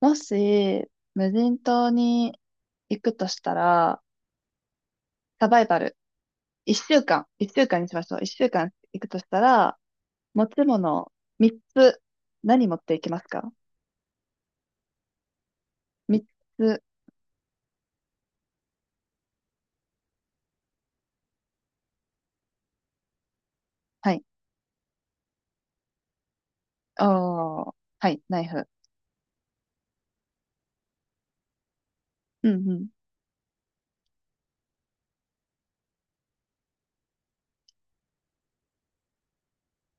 もし、無人島に行くとしたら、サバイバル。一週間。一週間にしましょう。一週間行くとしたら、持ち物、三つ。何持っていきますか？三つ。はい。おー。はい。ナイフ。うんうん。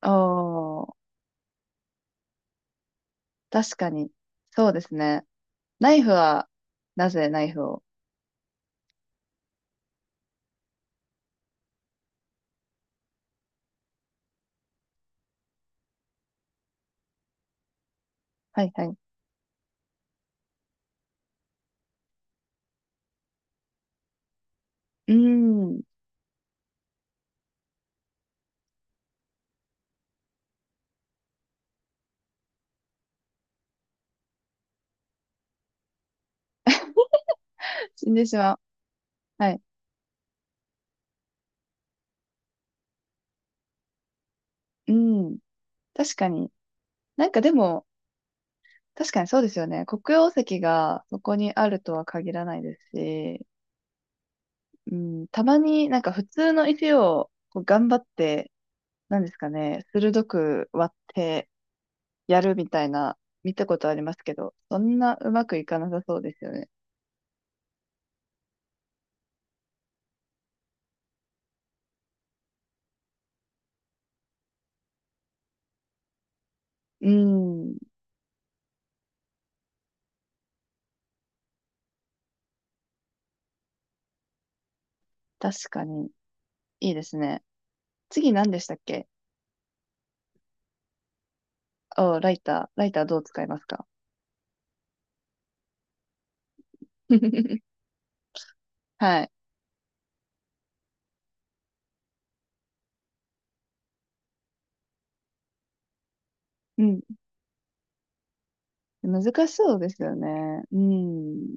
おー。確かに。そうですね。ナイフは、なぜナイフを？はいはい。うーん。死んでしまう。はい。うん。確かに。なんかでも、確かにそうですよね。黒曜石がそこにあるとは限らないですし、うん、たまになんか普通の石をこう頑張って、なんですかね、鋭く割ってやるみたいな見たことありますけど、そんなうまくいかなさそうですよね。うん、確かにいいですね。次何でしたっけ？お、ライター。ライターどう使いますか？ はい。うん。難しそうですよね。うん。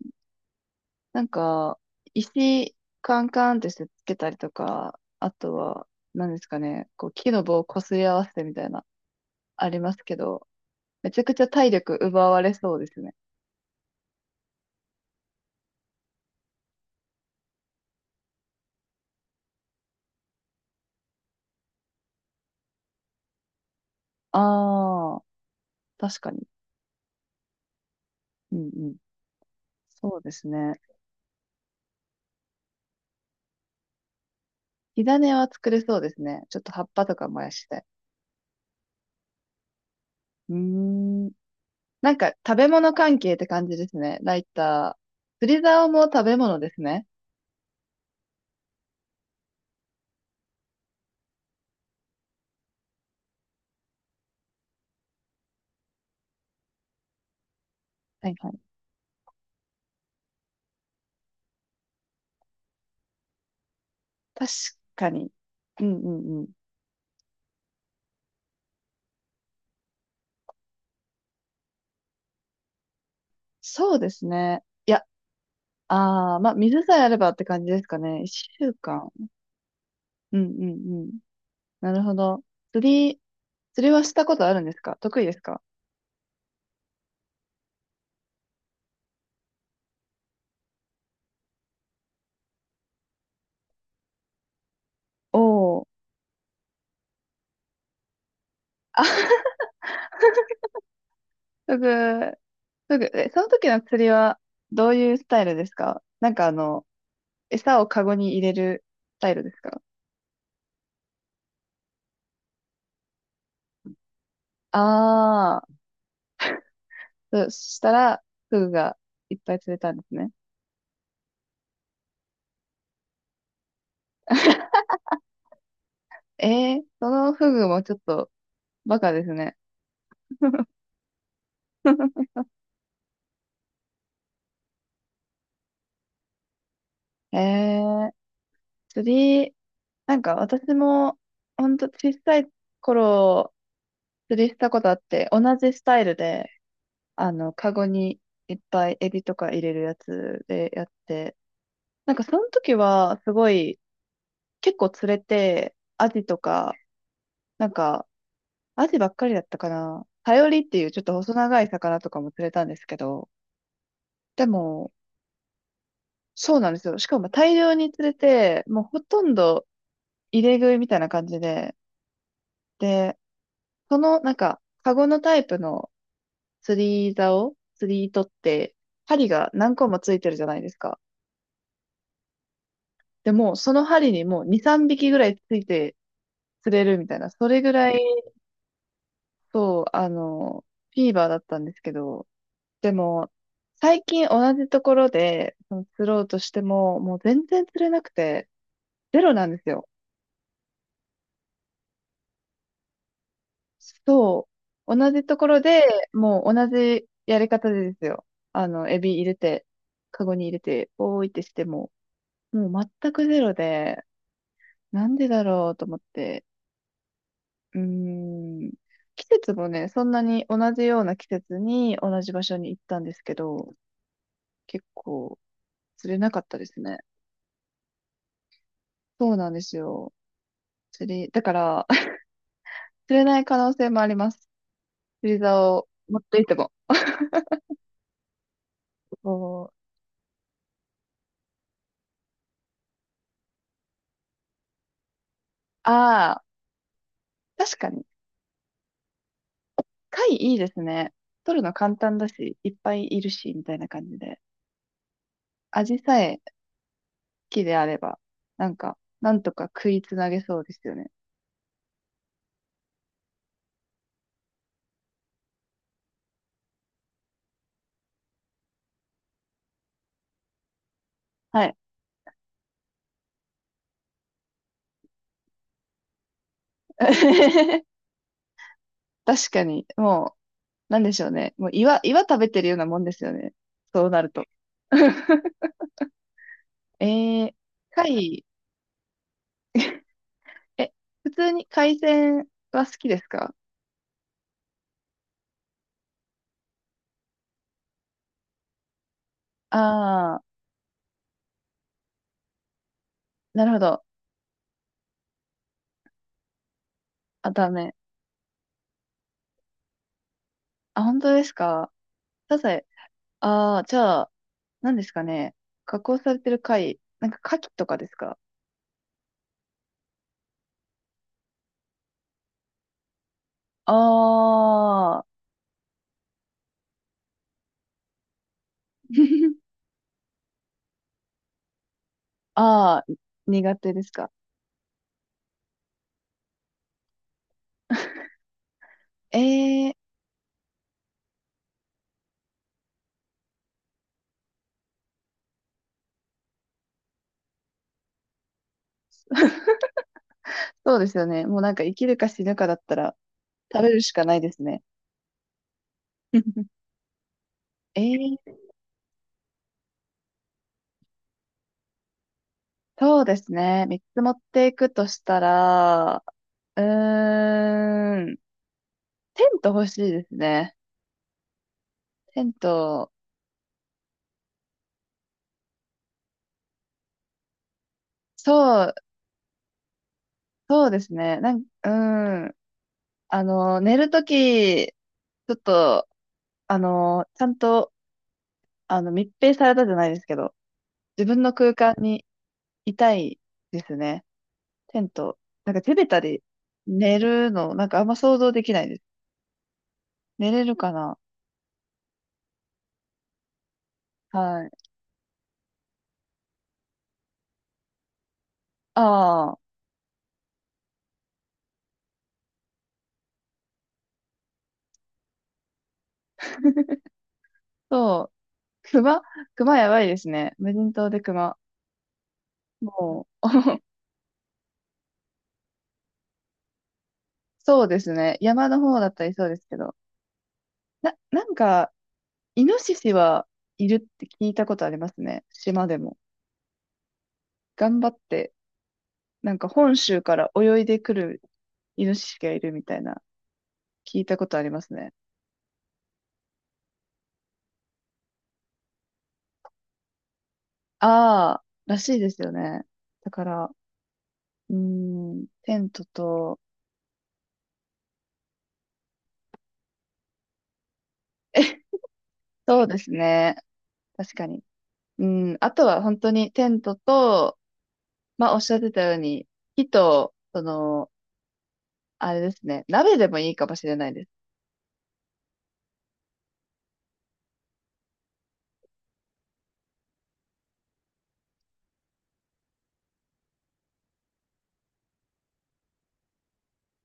なんか、石カンカンってしてつけたりとか、あとは、何ですかね、こう木の棒をこすり合わせてみたいな、ありますけど、めちゃくちゃ体力奪われそうですね。ああ、確かに。うんうん。そうですね。火種は作れそうですね。ちょっと葉っぱとか燃やして。うーん。なんか食べ物関係って感じですね。ライター。釣り竿も食べ物ですね。はいはい。確かに。うんうんうん。そうですね。いやああ、まあ、水さえあればって感じですかね。一週間。うんうんうん。なるほど。釣り、釣りはしたことあるんですか？得意ですか？おおー。あ、すぐ、すぐ、え、その時の釣りはどういうスタイルですか？なんかあの、餌をカゴに入れるスタイルですか？ああー、そしたら、フグがいっぱい釣れたんですね。えー、そのフグもちょっとバカですね。えー、釣り、なんか私も、ほんと小さい頃、釣りしたことあって、同じスタイルで、あの、カゴにいっぱいエビとか入れるやつでやって、なんかその時は、すごい、結構釣れて、アジとか、なんか、アジばっかりだったかな。サヨリっていうちょっと細長い魚とかも釣れたんですけど、でも、そうなんですよ。しかも大量に釣れて、もうほとんど入れ食いみたいな感じで、で、その、なんか、カゴのタイプの釣り竿、釣り糸って、針が何個もついてるじゃないですか。でも、その針にもう2、3匹ぐらいついて釣れるみたいな、それぐらい、そう、あの、フィーバーだったんですけど、でも、最近同じところで、その釣ろうとしても、もう全然釣れなくて、ゼロなんですよ。そう。同じところで、もう同じやり方でですよ。あの、エビ入れて、カゴに入れて、おーいってしても、もう全くゼロで、なんでだろうと思って。うーん。季節もね、そんなに同じような季節に同じ場所に行ったんですけど、結構釣れなかったですね。そうなんですよ。釣り、だから、釣れない可能性もあります。釣り竿を持っていても。そう。ああ、確かに。貝いいですね。取るの簡単だし、いっぱいいるし、みたいな感じで。味さえ木であれば、なんか、なんとか食いつなげそうですよね。はい。確かに、もう、なんでしょうね。もう岩食べてるようなもんですよね。そうなると。えー、貝、え、普通に海鮮は好きですか？ああー、なるほど。あ、ダメ。あ、本当ですか？サザエ。ああ、じゃあ、何ですかね。加工されてる貝、なんか牡蠣とかですか？ああー、ああ、苦手ですか？ええー、そうですよね。もうなんか生きるか死ぬかだったら食べるしかないですね。えー、そうですね。3つ持っていくとしたら、うーん、テント欲しいですね。テント、そう、そうですね。なん、うーん、あの、寝るとき、ちょっと、あの、ちゃんと、あの、密閉されたじゃないですけど、自分の空間にいたいですね。テント。なんか手べたり寝るの、なんかあんま想像できないです。寝れるかな？はい。ああ。そう熊、熊やばいですね。無人島で熊。もう、そうですね。山の方だったりそうですけど。なんか、イノシシはいるって聞いたことありますね。島でも。頑張って、なんか本州から泳いでくるイノシシがいるみたいな、聞いたことありますね。ああ、らしいですよね。だから、テントと、そうですね。確かに。うん、あとは本当にテントと、まあ、おっしゃってたように、火と、その、あれですね、鍋でもいいかもしれないです。